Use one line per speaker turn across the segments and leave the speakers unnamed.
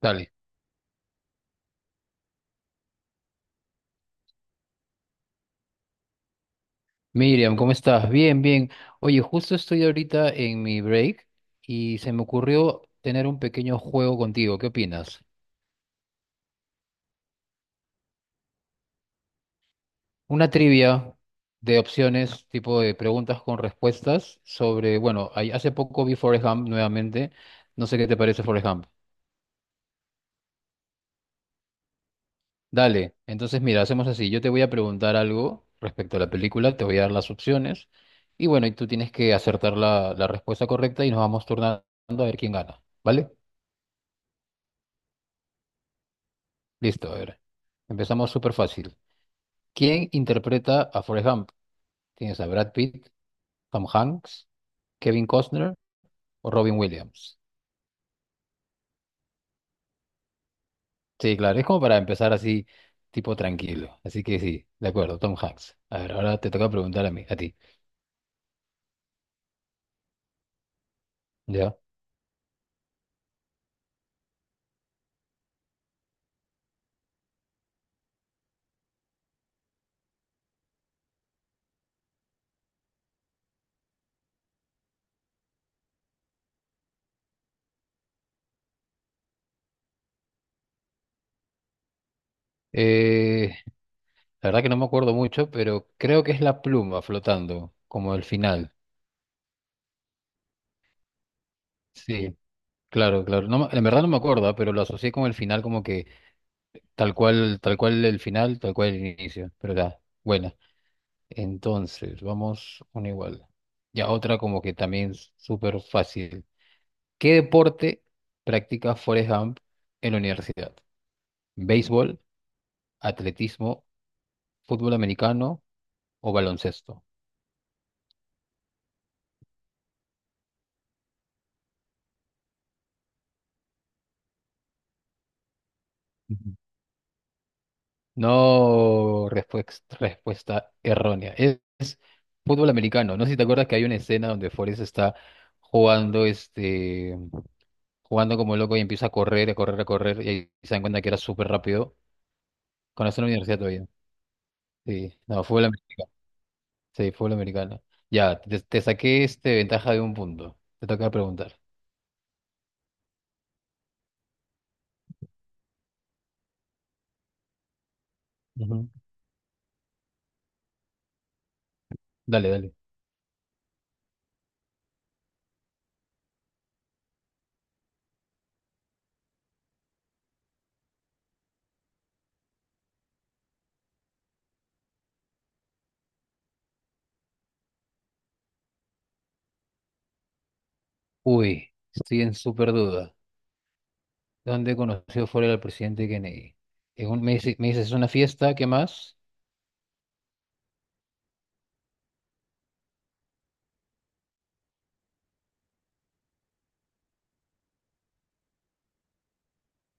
Dale. Miriam, ¿cómo estás? Bien, bien. Oye, justo estoy ahorita en mi break y se me ocurrió tener un pequeño juego contigo. ¿Qué opinas? Una trivia de opciones, tipo de preguntas con respuestas sobre, bueno, hace poco vi Forrest Gump nuevamente. No sé qué te parece Forrest Gump. Dale, entonces mira, hacemos así. Yo te voy a preguntar algo respecto a la película, te voy a dar las opciones y bueno, y tú tienes que acertar la respuesta correcta y nos vamos turnando a ver quién gana. ¿Vale? Listo, a ver. Empezamos súper fácil. ¿Quién interpreta a Forrest Gump? Tienes a Brad Pitt, Tom Hanks, Kevin Costner o Robin Williams. Sí, claro, es como para empezar así, tipo tranquilo. Así que sí, de acuerdo, Tom Hanks. A ver, ahora te toca preguntar a ti. Ya. Eh, la verdad que no me acuerdo mucho, pero creo que es la pluma flotando, como el final. Sí, claro, claro. No, en verdad no me acuerdo, pero lo asocié con el final como que tal cual el final, tal cual el inicio. Pero ya, buena. Entonces, vamos una igual. Ya otra como que también súper fácil. ¿Qué deporte practica Forrest Gump en la universidad? ¿Béisbol, atletismo, fútbol americano o baloncesto? Ujú. No, respuesta errónea. Es fútbol americano. No sé si te acuerdas que hay una escena donde Forrest está jugando, jugando como loco y empieza a correr, a correr, a correr y ahí se dan cuenta que era súper rápido. Cuando está en la universidad todavía. Sí, no, fútbol americano. Sí, fútbol americano. Ya, te saqué este ventaja de un punto. Te toca preguntar. Ujú. Dale, dale. Uy, estoy en súper duda. ¿Dónde conoció fuera al presidente Kennedy? En un, me dices, es una fiesta, ¿qué más?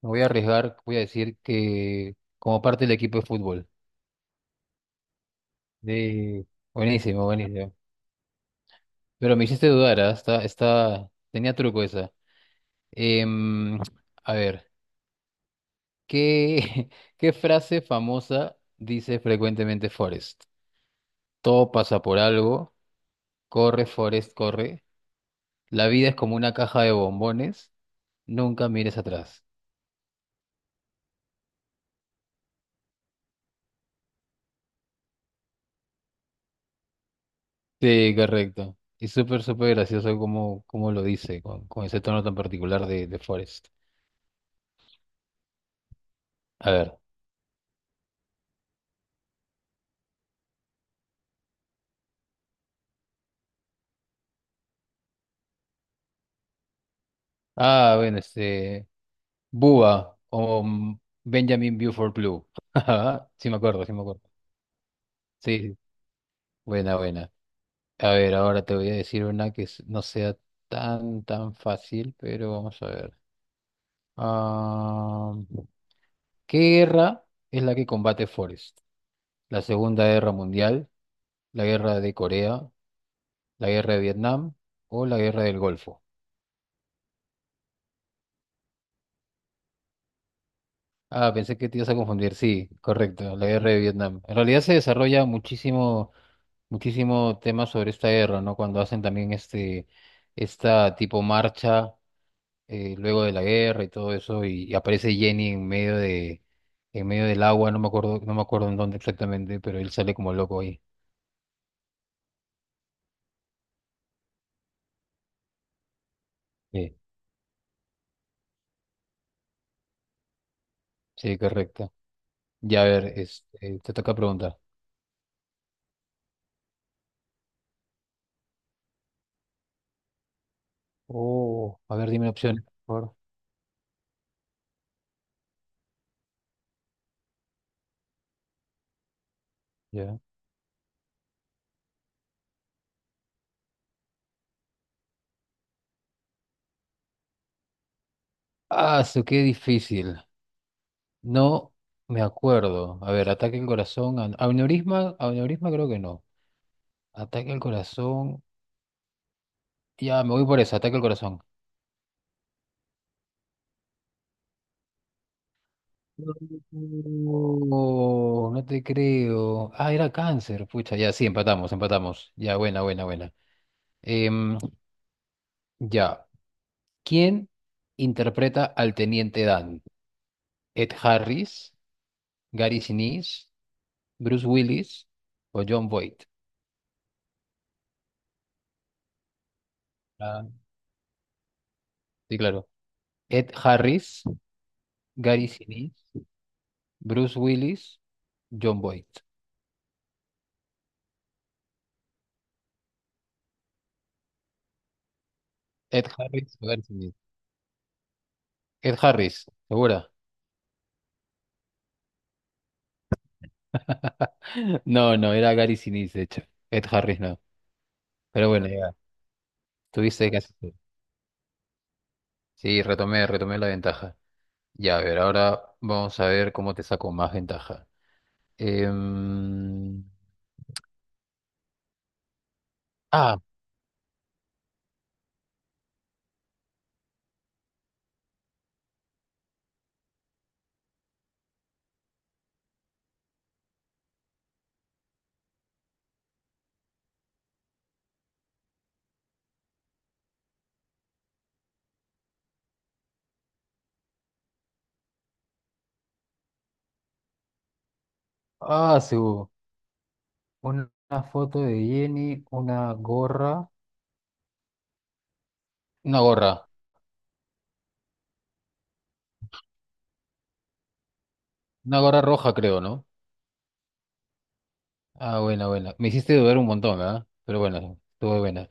Me voy a arriesgar, voy a decir que como parte del equipo de fútbol. De... Buenísimo, buenísimo. Pero me hiciste dudar, ¿ah? Está, está... Tenía truco esa. Em, a ver. ¿Qué, qué frase famosa dice frecuentemente Forrest? Todo pasa por algo, corre Forrest, corre. La vida es como una caja de bombones, nunca mires atrás. Sí, correcto. Y súper, súper gracioso como, como lo dice, con ese tono tan particular de Forrest. A ver. Ah, bueno, este. Búa o Benjamin Buford Blue. Sí, me acuerdo, sí, me acuerdo. Sí, buena, buena. A ver, ahora te voy a decir una que no sea tan, tan fácil, pero vamos a ver. Ah, ¿Qué guerra es la que combate Forrest? ¿La Segunda Guerra Mundial, la Guerra de Corea, la Guerra de Vietnam o la Guerra del Golfo? Ah, pensé que te ibas a confundir. Sí, correcto, la Guerra de Vietnam. En realidad se desarrolla muchísimo, muchísimo tema sobre esta guerra, ¿no? Cuando hacen también esta tipo marcha, luego de la guerra y todo eso, y aparece Jenny en medio de, en medio del agua, no me acuerdo, no me acuerdo en dónde exactamente, pero él sale como loco ahí. Sí, sí, correcto. Ya, a ver, este, te toca preguntar. Oh, a ver, dime opciones, por favor. Ya. Ah, eso qué difícil. No me acuerdo. A ver, ataque al corazón, aneurisma, aneurisma creo que no. Ataque al corazón. Ya, me voy por eso, ataque al corazón. No, no te creo. Ah, era cáncer. Pucha, ya, sí, empatamos, empatamos. Ya, buena, buena, buena. Em, ya. ¿Quién interpreta al teniente Dan? ¿Ed Harris, Gary Sinise, Bruce Willis o John Boyd? Ah, sí, claro. Ed Harris, Gary Sinise, Bruce Willis, John Boyd. Ed Harris o Gary Sinise. Ed Harris, ¿segura? No, no, era Gary Sinise, de hecho. Ed Harris no. Pero bueno, ya. Tuviste que hacer. Sí, retomé, retomé la ventaja. Ya, a ver, ahora vamos a ver cómo te saco más ventaja. Em, ah, sí, hubo una foto de Jenny, una gorra. Una gorra, una gorra roja, creo, ¿no? Ah, buena, buena. Me hiciste dudar un montón, ¿verdad? Pero bueno, estuvo buena.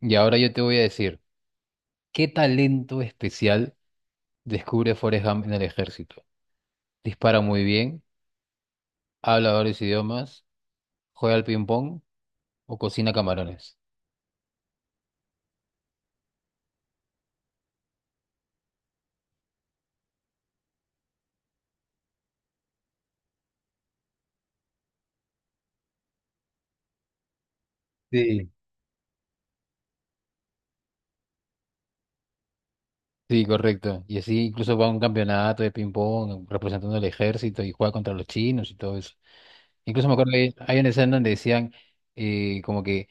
Y ahora yo te voy a decir, ¿qué talento especial descubre Forrest Gump en el ejército? ¿Dispara muy bien? ¿Habla varios idiomas? ¿Juega al ping-pong? ¿O cocina camarones? Sí, sí, correcto. Y así incluso va a un campeonato de ping-pong representando al ejército y juega contra los chinos y todo eso. Incluso me acuerdo que hay una escena donde decían como que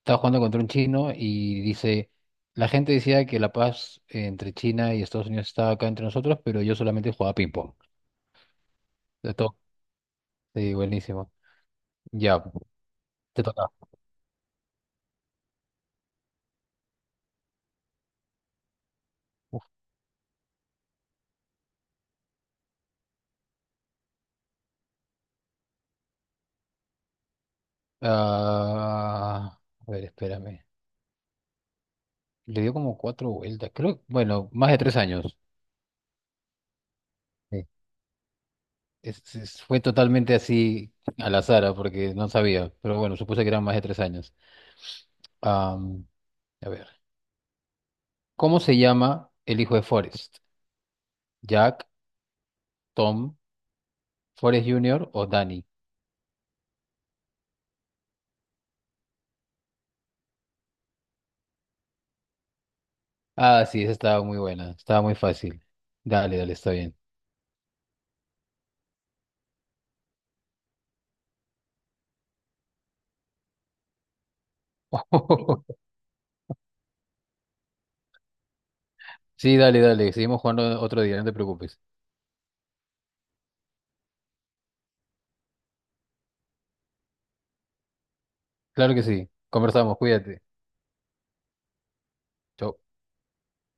estaba jugando contra un chino y dice, la gente decía que la paz entre China y Estados Unidos estaba acá entre nosotros, pero yo solamente jugaba ping-pong. De todo. Sí, buenísimo. Ya, te toca. Uf. Ah, a ver, espérame. Le dio como cuatro vueltas, creo, bueno, más de 3 años. Sí. Fue totalmente así a la azar, porque no sabía, pero bueno, supuse que eran más de 3 años. Am, a ver, ¿cómo se llama el hijo de Forrest? ¿Jack, Tom, Forrest Jr. o Danny? Ah, sí, esa estaba muy buena, estaba muy fácil. Dale, dale, está bien. Sí, dale, dale, seguimos jugando otro día, no te preocupes. Claro que sí, conversamos, cuídate. Chau.